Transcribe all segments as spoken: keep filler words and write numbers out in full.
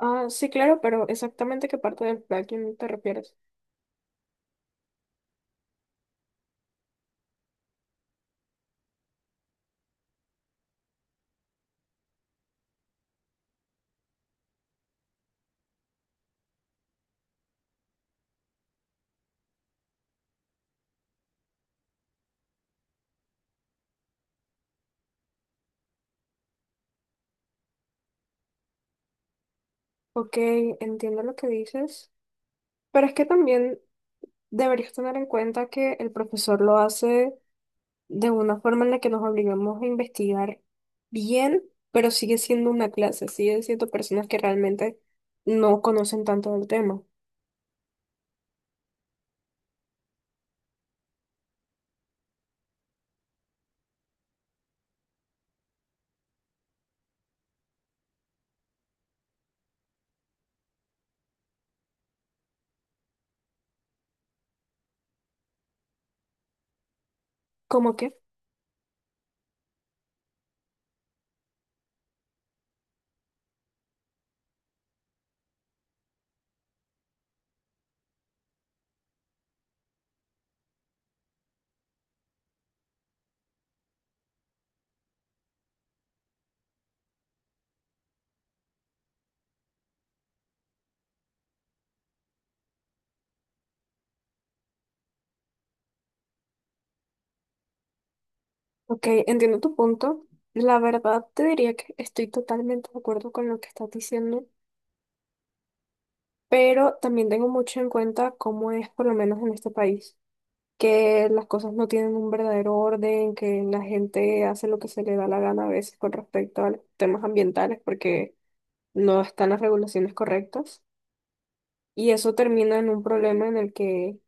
Ah, sí, claro, pero exactamente qué parte del plugin te refieres. Ok, entiendo lo que dices, pero es que también deberías tener en cuenta que el profesor lo hace de una forma en la que nos obligamos a investigar bien, pero sigue siendo una clase, sigue siendo personas que realmente no conocen tanto del tema. ¿Cómo que? Ok, entiendo tu punto. La verdad te diría que estoy totalmente de acuerdo con lo que estás diciendo, pero también tengo mucho en cuenta cómo es por lo menos en este país, que las cosas no tienen un verdadero orden, que la gente hace lo que se le da la gana a veces con respecto a los temas ambientales porque no están las regulaciones correctas. Y eso termina en un problema en el que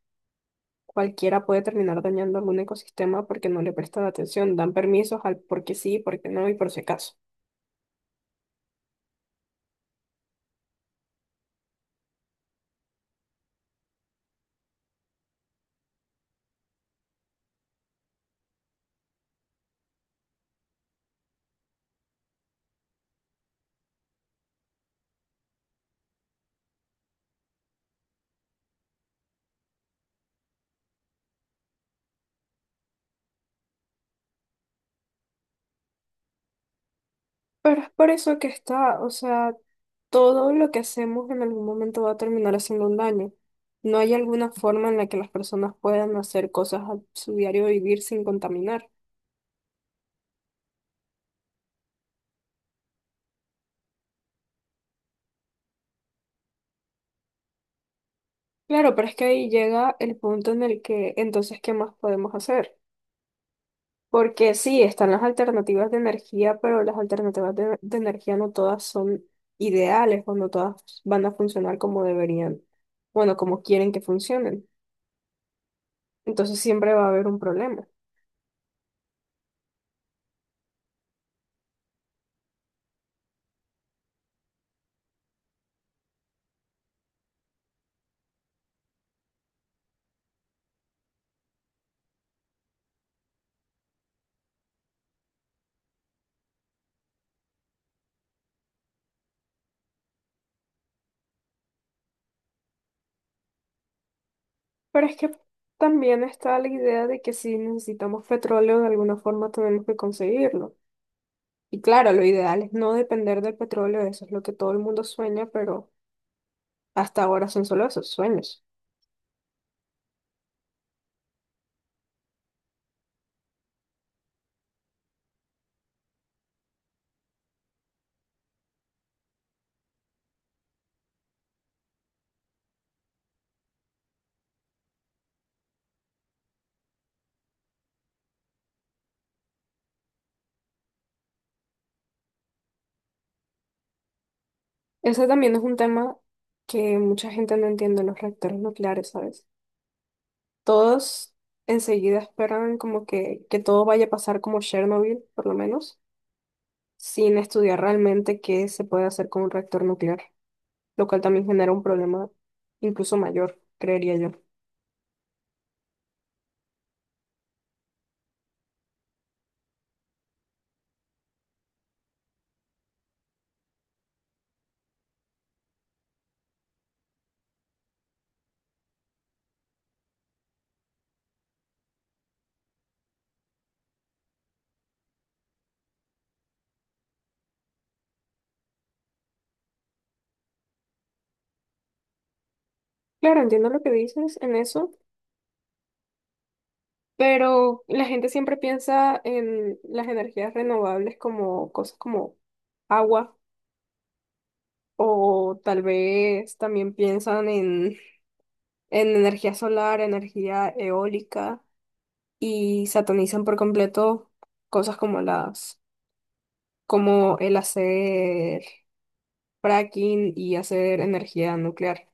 cualquiera puede terminar dañando algún ecosistema porque no le prestan atención, dan permisos al porque sí, porque no y por si acaso. Pero es por eso que está, o sea, todo lo que hacemos en algún momento va a terminar haciendo un daño. No hay alguna forma en la que las personas puedan hacer cosas a su diario vivir sin contaminar. Claro, pero es que ahí llega el punto en el que entonces, ¿qué más podemos hacer? Porque sí, están las alternativas de energía, pero las alternativas de, de energía no todas son ideales o no todas van a funcionar como deberían, bueno, como quieren que funcionen. Entonces siempre va a haber un problema. Pero es que también está la idea de que si necesitamos petróleo de alguna forma tenemos que conseguirlo. Y claro, lo ideal es no depender del petróleo, eso es lo que todo el mundo sueña, pero hasta ahora son solo esos sueños. Ese también es un tema que mucha gente no entiende, los reactores nucleares, ¿sabes? Todos enseguida esperan como que, que todo vaya a pasar como Chernobyl, por lo menos, sin estudiar realmente qué se puede hacer con un reactor nuclear, lo cual también genera un problema incluso mayor, creería yo. Claro, entiendo lo que dices en eso, pero la gente siempre piensa en las energías renovables como cosas como agua o tal vez también piensan en, en energía solar, energía eólica y satanizan por completo cosas como las, como el hacer fracking y hacer energía nuclear.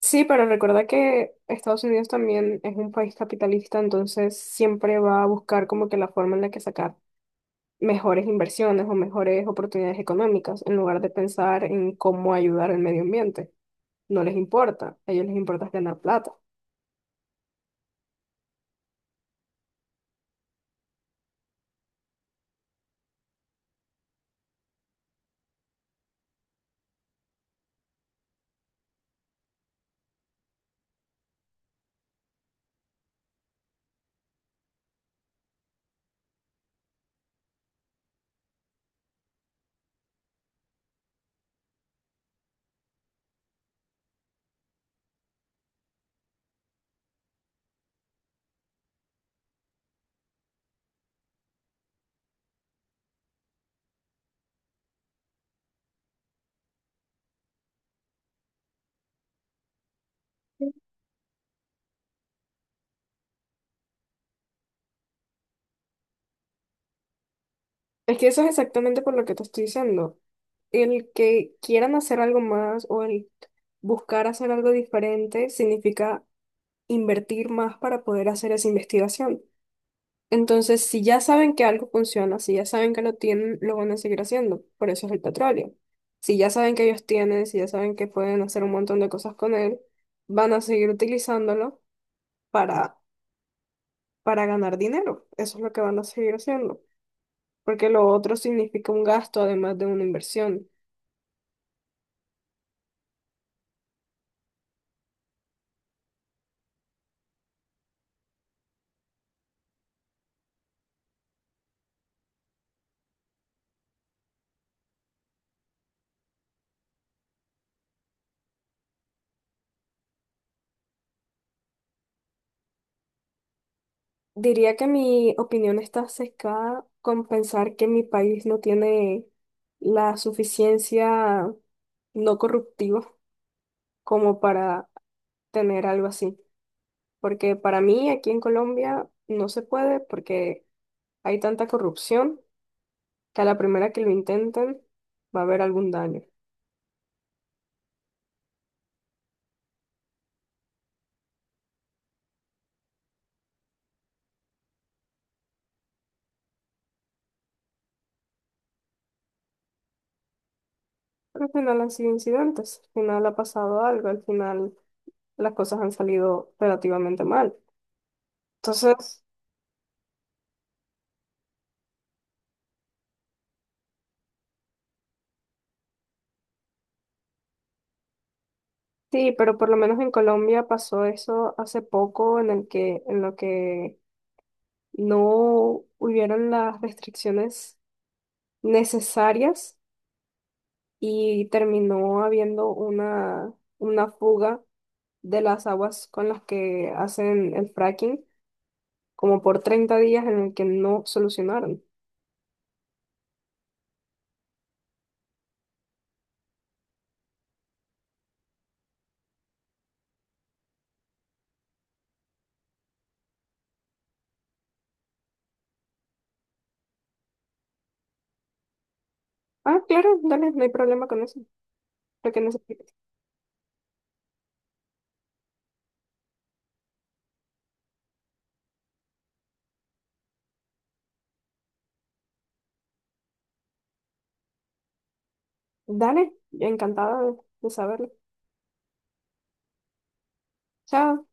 Sí, pero recuerda que Estados Unidos también es un país capitalista, entonces siempre va a buscar como que la forma en la que sacar mejores inversiones o mejores oportunidades económicas, en lugar de pensar en cómo ayudar al medio ambiente. No les importa, a ellos les importa es ganar plata. Es que eso es exactamente por lo que te estoy diciendo. El que quieran hacer algo más o el buscar hacer algo diferente significa invertir más para poder hacer esa investigación. Entonces, si ya saben que algo funciona, si ya saben que lo tienen, lo van a seguir haciendo. Por eso es el petróleo. Si ya saben que ellos tienen, si ya saben que pueden hacer un montón de cosas con él, van a seguir utilizándolo para, para ganar dinero. Eso es lo que van a seguir haciendo. Porque lo otro significa un gasto además de una inversión. Diría que mi opinión está sesgada con pensar que mi país no tiene la suficiencia no corruptiva como para tener algo así. Porque para mí aquí en Colombia no se puede porque hay tanta corrupción que a la primera que lo intenten va a haber algún daño. Pero al final han sido incidentes, al final ha pasado algo, al final las cosas han salido relativamente mal. Entonces, sí, pero por lo menos en Colombia pasó eso hace poco en el que, en lo que no hubieron las restricciones necesarias y terminó habiendo una, una fuga de las aguas con las que hacen el fracking, como por treinta días en el que no solucionaron. Ah, claro, dale, no hay problema con eso, lo que necesites. Dale, encantada de de saberlo. Chao.